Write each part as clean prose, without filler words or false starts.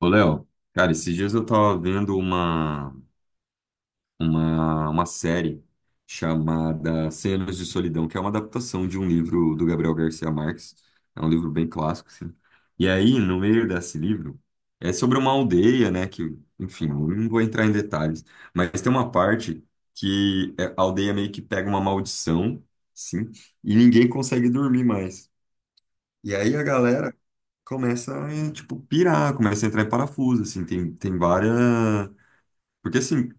Ô, Léo, cara, esses dias eu tava vendo uma, uma série chamada Cem Anos de Solidão, que é uma adaptação de um livro do Gabriel Garcia Marques. É um livro bem clássico, assim. E aí, no meio desse livro, é sobre uma aldeia, né, que, enfim, eu não vou entrar em detalhes, mas tem uma parte a aldeia meio que pega uma maldição, sim, e ninguém consegue dormir mais. E aí a galera começa a, tipo, pirar, começa a entrar em parafuso, assim, tem várias... Porque, assim,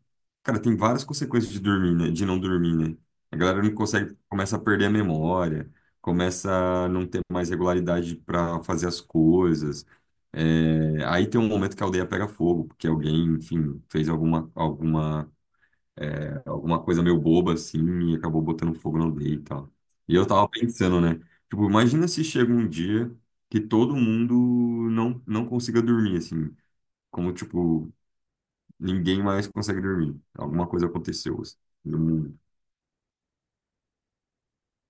cara, tem várias consequências de dormir, né? De não dormir, né? A galera não consegue, começa a perder a memória, começa a não ter mais regularidade para fazer as coisas. É. Aí tem um momento que a aldeia pega fogo, porque alguém, enfim, fez alguma, alguma coisa meio boba assim e acabou botando fogo na aldeia e tal. E eu tava pensando, né? Tipo, imagina se chega um dia que todo mundo não consiga dormir, assim, como tipo, ninguém mais consegue dormir. Alguma coisa aconteceu, assim, no mundo.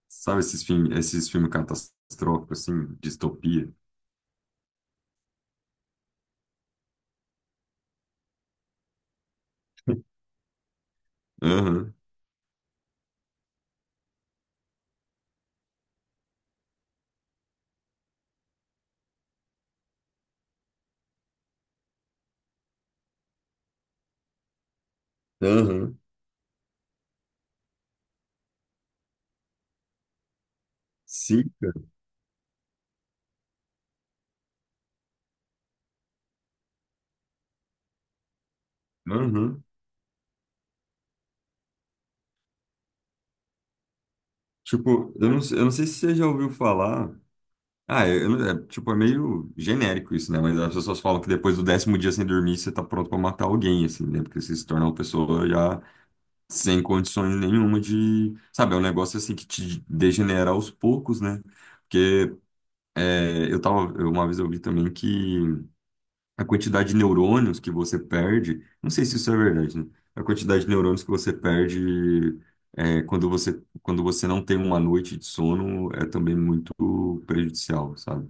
Sabe esses filmes catastróficos, assim, distopia? Aham, aham. Sim, cara. Aham. Tipo, eu não sei se você já ouviu falar. Ah, tipo, é meio genérico isso, né? Mas as pessoas falam que depois do décimo dia sem dormir, você tá pronto pra matar alguém, assim, né? Porque você se torna uma pessoa já sem condições nenhuma de... Sabe, é um negócio, assim, que te degenera aos poucos, né? Porque é, Uma vez eu vi também que a quantidade de neurônios que você perde... Não sei se isso é verdade, né? A quantidade de neurônios que você perde... é, quando você não tem uma noite de sono, é também muito prejudicial, sabe?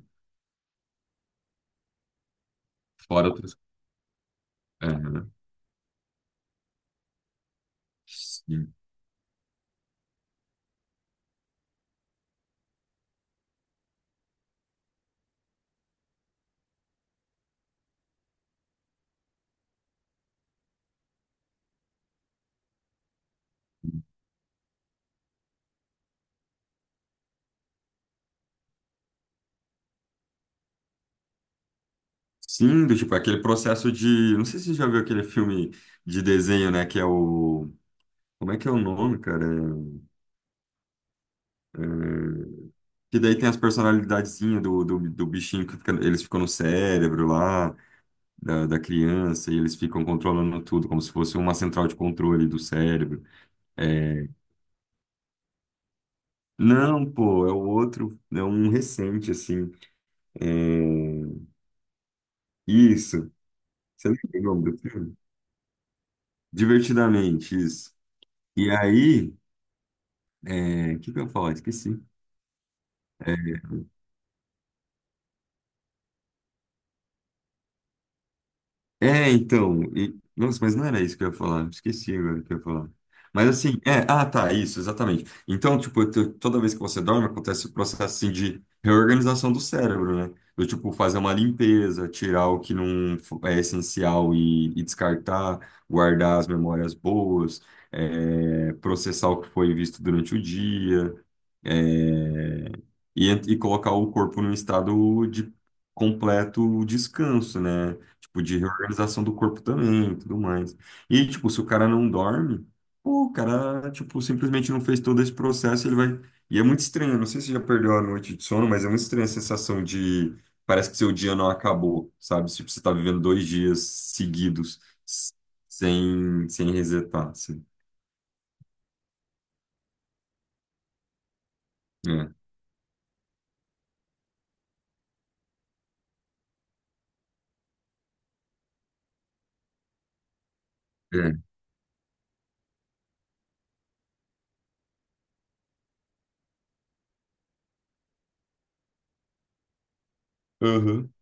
Fora outras. Aham. Sim. Sim, do tipo, aquele processo de. Não sei se você já viu aquele filme de desenho, né? Que é o. Como é que é o nome, cara? É- Que daí tem as personalidadezinhas do bichinho que fica- eles ficam no cérebro lá, da criança, e eles ficam controlando tudo, como se fosse uma central de controle do cérebro. É. Não, pô, é o outro, é um recente, assim. É. Isso. Você lembra o nome do filme? Divertidamente, isso. E aí. É, o que que eu ia falar? Esqueci. Então, nossa, mas não era isso que eu ia falar, esqueci agora o que eu ia falar. Mas assim, é, ah, tá, isso, exatamente. Então, tipo, toda vez que você dorme, acontece o processo assim de reorganização do cérebro, né? Eu, tipo, fazer uma limpeza, tirar o que não fo- é essencial e descartar, guardar as memórias boas, é, processar o que foi visto durante o dia. É, e colocar o corpo num estado de completo descanso, né? Tipo, de reorganização do corpo também, e tudo mais. E, tipo, se o cara não dorme, pô, o cara, tipo, simplesmente não fez todo esse processo, ele vai... E é muito estranho, eu não sei se você já perdeu a noite de sono, mas é muito estranha a sensação de... Parece que seu dia não acabou, sabe? Tipo, você tá vivendo 2 dias seguidos s- sem resetar, assim. É, é. Uhum.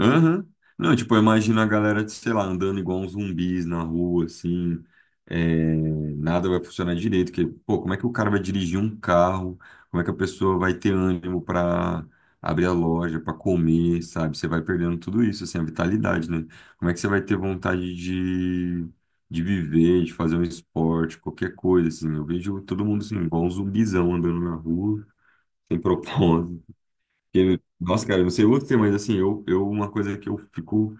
Aham. Não, tipo, eu imagino a galera, de, sei lá, andando igual uns zumbis na rua, assim, é, nada vai funcionar direito, porque, pô, como é que o cara vai dirigir um carro? Como é que a pessoa vai ter ânimo pra abrir a loja, pra comer, sabe? Você vai perdendo tudo isso, assim, a vitalidade, né? Como é que você vai ter vontade de viver, de fazer um esporte, qualquer coisa, assim? Eu vejo todo mundo, assim, igual um zumbizão andando na rua, sem propósito. Porque, nossa, cara, eu não sei você, mas assim, eu uma coisa que eu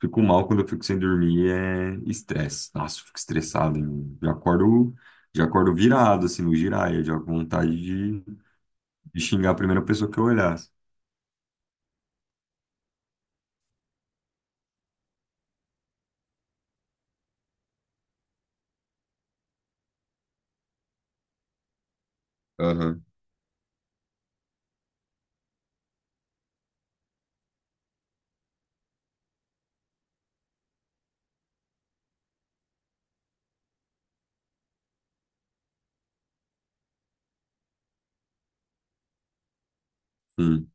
fico mal quando eu fico sem dormir é estresse. Nossa, eu fico estressado. Hein? Já acordo virado, assim, no giraia, já com vontade de xingar a primeira pessoa que eu olhasse. Aham. Sim.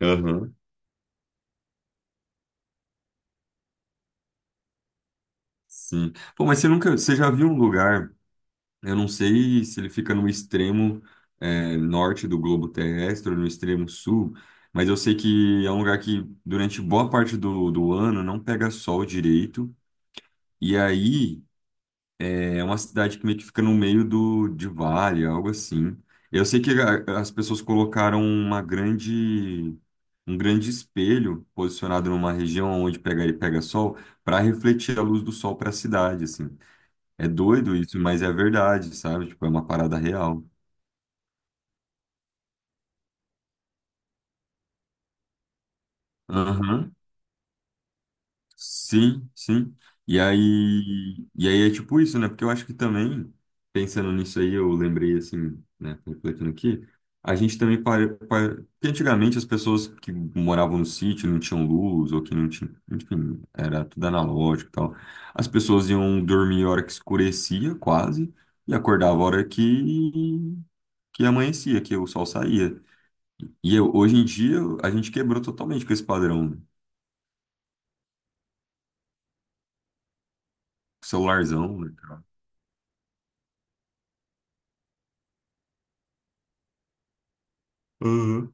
Aham. Sim. Pô, mas você nunca, você já viu um lugar, eu não sei se ele fica no extremo é, norte do globo terrestre ou no extremo sul, mas eu sei que é um lugar que durante boa parte do ano não pega sol direito. E aí, é uma cidade que meio que fica no meio de vale, algo assim. Eu sei que as pessoas colocaram uma grande, um grande espelho posicionado numa região onde pega sol para refletir a luz do sol para a cidade, assim. É doido isso, mas é verdade, sabe? Tipo, é uma parada real. Aham. Sim, sim. E aí é tipo isso, né? Porque eu acho que também, pensando nisso aí, eu lembrei assim, né, refletindo aqui, a gente também para, para... Porque antigamente as pessoas que moravam no sítio não tinham luz, ou que não tinham, enfim, era tudo analógico e tal. As pessoas iam dormir a hora que escurecia, quase, e acordava a hora que amanhecia, que o sol saía. Hoje em dia a gente quebrou totalmente com esse padrão, celularzão, né, cara?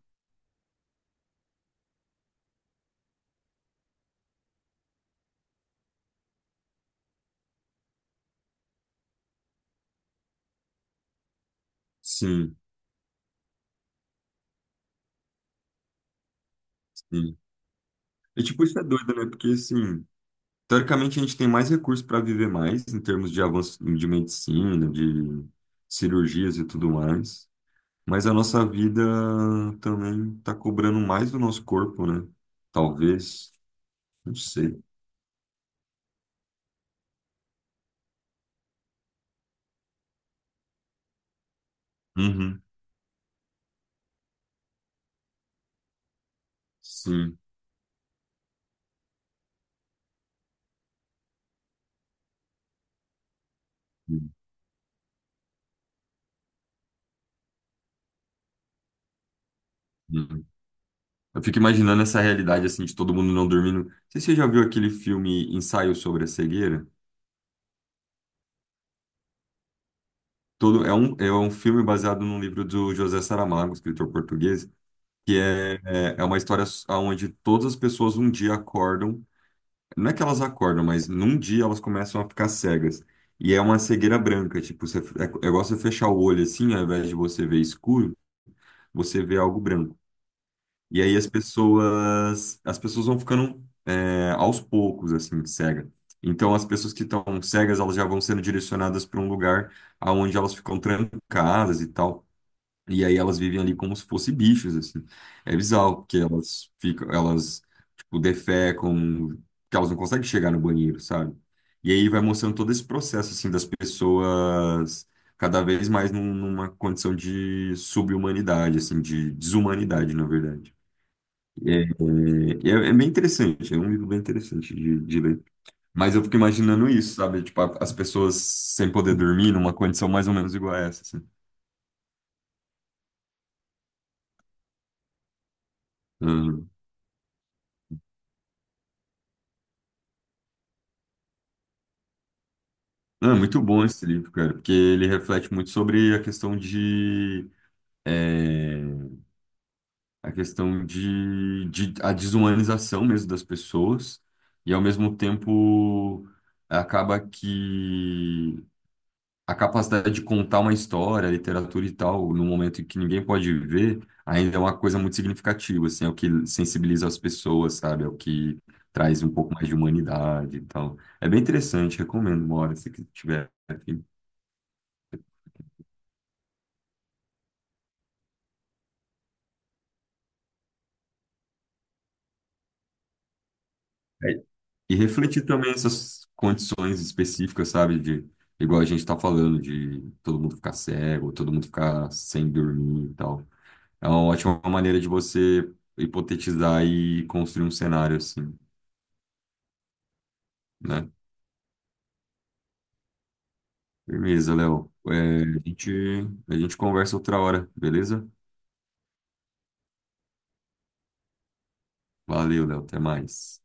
Sim, sim. E, tipo, isso é doido, né? Porque, assim, teoricamente a gente tem mais recursos para viver mais em termos de avanço de medicina, de cirurgias e tudo mais. Mas a nossa vida também tá cobrando mais do nosso corpo, né? Talvez. Não sei. Uhum. Sim. Uhum. Uhum. Eu fico imaginando essa realidade, assim, de todo mundo não dormindo. Não sei se você já viu aquele filme Ensaio sobre a Cegueira? Todo, é um filme baseado num livro do José Saramago, escritor português. Que é, é uma história onde todas as pessoas um dia acordam, não é que elas acordam, mas num dia elas começam a ficar cegas. E é uma cegueira branca, tipo, você, é, é igual você fechar o olho assim, ao invés de você ver escuro, você vê algo branco. E aí as pessoas vão ficando é, aos poucos, assim, cega. Então as pessoas que estão cegas, elas já vão sendo direcionadas para um lugar aonde elas ficam trancadas e tal. E aí elas vivem ali como se fossem bichos, assim. É bizarro, porque elas, tipo, defecam, porque elas não conseguem chegar no banheiro, sabe? E aí vai mostrando todo esse processo, assim, das pessoas cada vez mais numa condição de subhumanidade, assim, de desumanidade, na verdade. É, é bem interessante, é um livro bem interessante de ler. Mas eu fico imaginando isso, sabe? Tipo, as pessoas sem poder dormir numa condição mais ou menos igual a essa, assim. Ah, muito bom esse livro, cara, porque ele reflete muito sobre a questão de é, a questão de a desumanização mesmo das pessoas e ao mesmo tempo acaba que a capacidade de contar uma história, literatura e tal, no momento em que ninguém pode ver, ainda é uma coisa muito significativa, assim, é o que sensibiliza as pessoas, sabe? É o que traz um pouco mais de humanidade e tal. É bem interessante, recomendo uma hora se que tiver. Afim. E refletir também essas condições específicas, sabe? De, igual a gente tá falando, de todo mundo ficar cego, todo mundo ficar sem dormir e tal. É uma ótima maneira de você hipotetizar e construir um cenário assim, né? Firmeza, Léo. É, a gente conversa outra hora, beleza? Valeu, Léo. Até mais.